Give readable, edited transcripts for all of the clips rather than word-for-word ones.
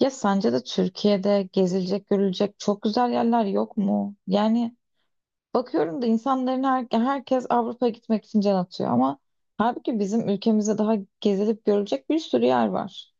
Ya sence de Türkiye'de gezilecek, görülecek çok güzel yerler yok mu? Yani bakıyorum da insanların herkes Avrupa'ya gitmek için can atıyor ama halbuki bizim ülkemizde daha gezilip görülecek bir sürü yer var.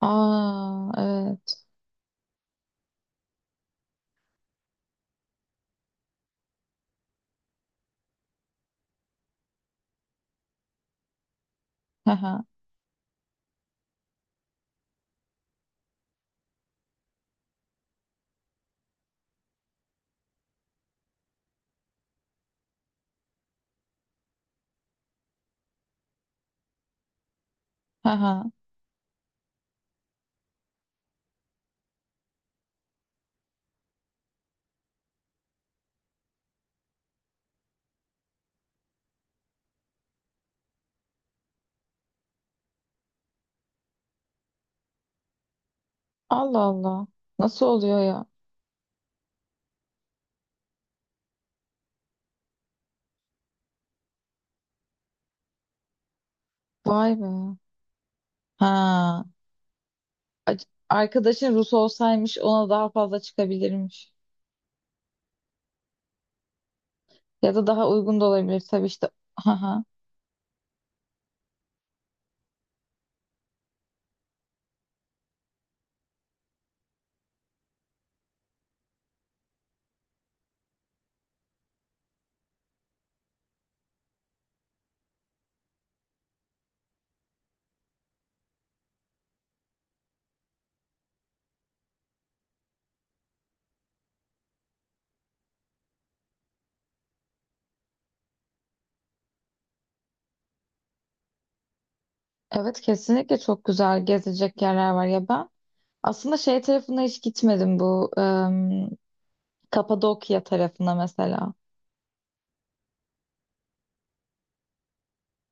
Aa, evet. Haha, haha. Allah Allah. Nasıl oluyor ya? Vay be. Ha. A- Arkadaşın Rus olsaymış ona daha fazla çıkabilirmiş. Ya da daha uygun da olabilir tabii işte. Aha. Evet, kesinlikle çok güzel gezecek yerler var ya ben. Aslında şey tarafına hiç gitmedim, bu Kapadokya tarafına mesela.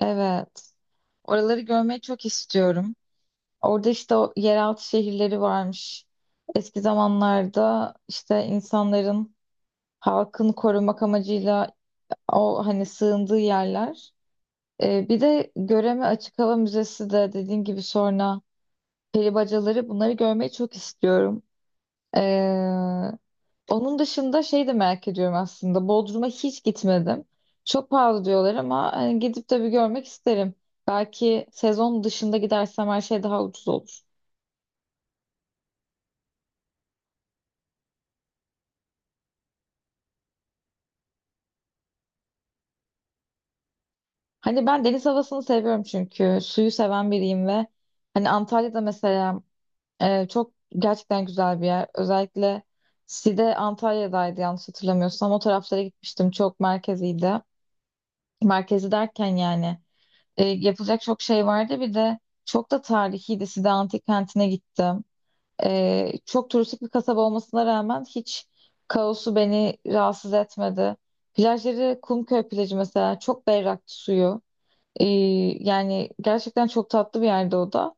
Evet. Oraları görmeyi çok istiyorum. Orada işte o yeraltı şehirleri varmış. Eski zamanlarda işte insanların halkın korumak amacıyla o hani sığındığı yerler. Bir de Göreme Açık Hava Müzesi de dediğin gibi sonra peri bacaları bunları görmeyi çok istiyorum. Ee, Onun dışında şey de merak ediyorum aslında. Bodrum'a hiç gitmedim. Çok pahalı diyorlar ama hani gidip de bir görmek isterim. Belki sezon dışında gidersem her şey daha ucuz olur. Hani ben deniz havasını seviyorum çünkü. Suyu seven biriyim ve hani Antalya'da mesela, çok gerçekten güzel bir yer. Özellikle Side Antalya'daydı yanlış hatırlamıyorsam. O taraflara gitmiştim. Çok merkeziydi. Merkezi derken yani, yapılacak çok şey vardı. Bir de çok da tarihiydi. Side Antik Kenti'ne gittim. Çok turistik bir kasaba olmasına rağmen hiç kaosu beni rahatsız etmedi. Plajları Kumköy plajı mesela çok berraktı suyu. Ee, Yani gerçekten çok tatlı bir yerde o da.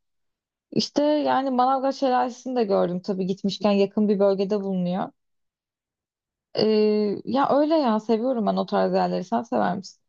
İşte yani Manavgat Şelalesi'ni de gördüm tabii gitmişken yakın bir bölgede bulunuyor. Ee, Ya öyle ya, seviyorum ben o tarz yerleri. Sen sever misin?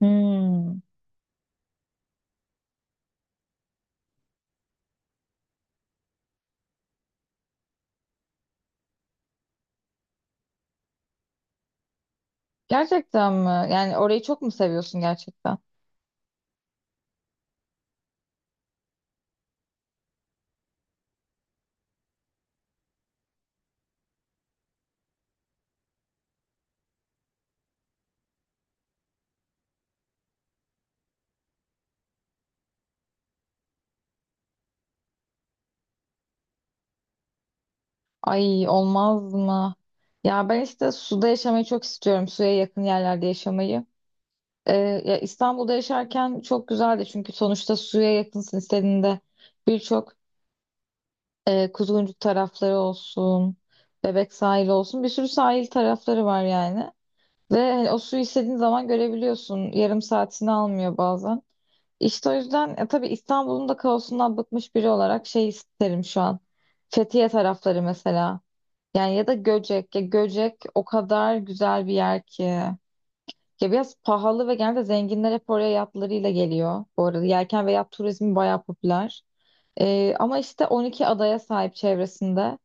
Hmm. Gerçekten mi? Yani orayı çok mu seviyorsun gerçekten? Ay, olmaz mı? Ya ben işte suda yaşamayı çok istiyorum. Suya yakın yerlerde yaşamayı. Ee, Ya İstanbul'da yaşarken çok güzeldi çünkü sonuçta suya yakınsın, istediğinde birçok Kuzguncuk tarafları olsun, Bebek sahili olsun, bir sürü sahil tarafları var yani. Ve hani o suyu istediğin zaman görebiliyorsun. Yarım saatini almıyor bazen. İşte o yüzden tabii İstanbul'un da kaosundan bıkmış biri olarak şey isterim şu an. Fethiye tarafları mesela. Yani ya da Göcek. Ya Göcek o kadar güzel bir yer ki. Ya biraz pahalı ve genelde zenginler hep oraya yatlarıyla geliyor. Bu arada yelken ve yat turizmi bayağı popüler. Ama işte 12 adaya sahip çevresinde.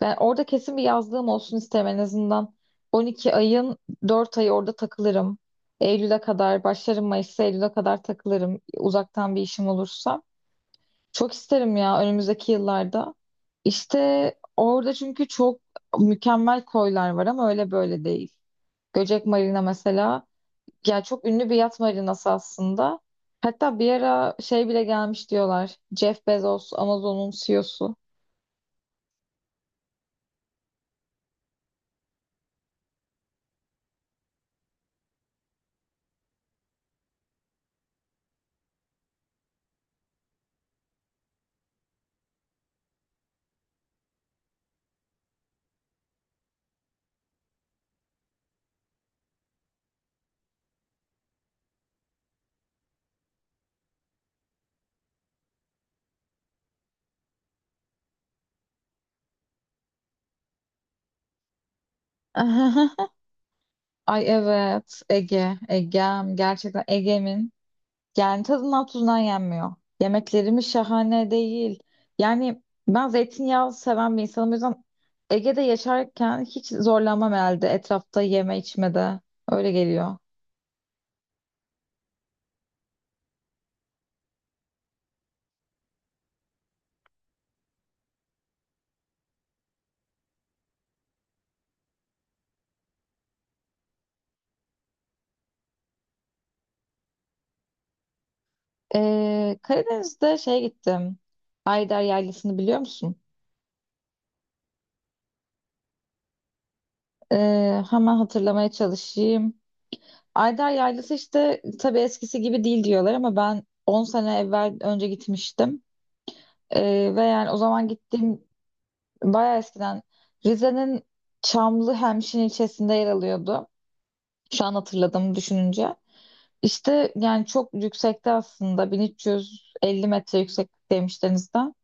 Ben orada kesin bir yazlığım olsun isterim en azından. 12 ayın 4 ayı orada takılırım. Eylül'e kadar başlarım, Mayıs'ta Eylül'e kadar takılırım. Uzaktan bir işim olursa. Çok isterim ya önümüzdeki yıllarda. İşte orada çünkü çok mükemmel koylar var, ama öyle böyle değil. Göcek Marina mesela, ya çok ünlü bir yat marinası aslında. Hatta bir ara şey bile gelmiş diyorlar. Jeff Bezos, Amazon'un CEO'su. Ay evet, Ege, Egem. Gerçekten Ege'min. Yani tadından tuzundan yenmiyor. Yemeklerimiz şahane değil. Yani ben zeytinyağı seven bir insanım. O yüzden Ege'de yaşarken hiç zorlanmam herhalde etrafta yeme içmede. Öyle geliyor. Karadeniz'de şey gittim. Ayder Yaylası'nı biliyor musun? Hemen hatırlamaya çalışayım. Ayder Yaylası işte tabii eskisi gibi değil diyorlar ama ben 10 sene evvel önce gitmiştim. Ve yani o zaman gittiğim bayağı eskiden Rize'nin Çamlı Hemşin ilçesinde yer alıyordu. Şu an hatırladım düşününce. İşte yani çok yüksekte, aslında 1350 metre yükseklikteymiş denizden.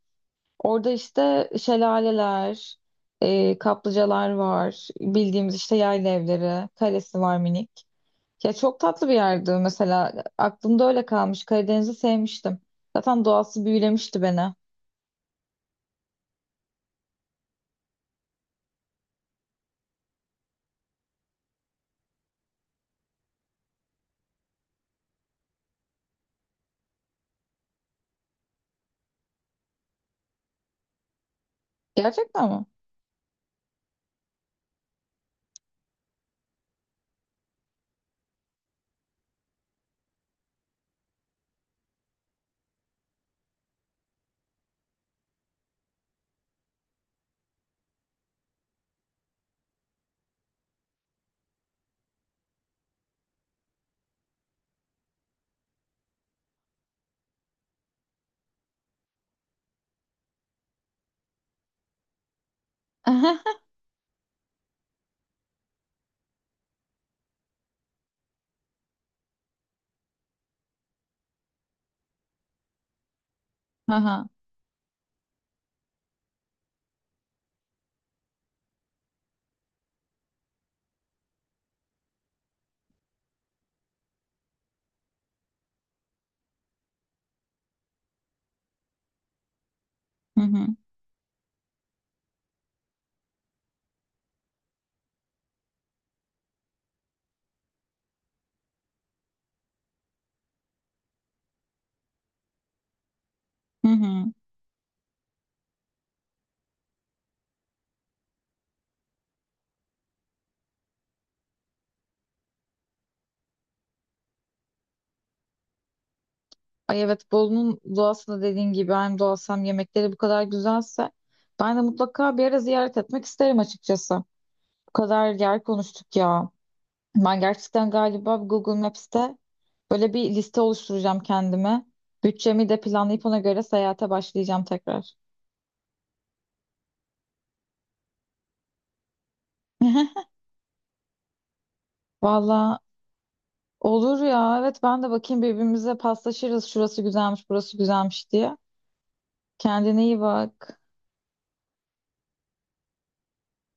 Orada işte şelaleler, kaplıcalar var. Bildiğimiz işte yayla evleri, kalesi var minik. Ya çok tatlı bir yerdi mesela. Aklımda öyle kalmış. Karadeniz'i sevmiştim. Zaten doğası büyülemişti beni. Gerçekten mi? Aha. Hı hı. Hı hı. Ay evet, Bolu'nun doğası da dediğin gibi hem doğası hem yemekleri bu kadar güzelse ben de mutlaka bir ara ziyaret etmek isterim açıkçası. Bu kadar yer konuştuk ya. Ben gerçekten galiba bu Google Maps'te böyle bir liste oluşturacağım kendime. Bütçemi de planlayıp ona göre seyahate başlayacağım tekrar. Valla olur ya. Evet, ben de bakayım, birbirimize paslaşırız. Şurası güzelmiş, burası güzelmiş diye. Kendine iyi bak.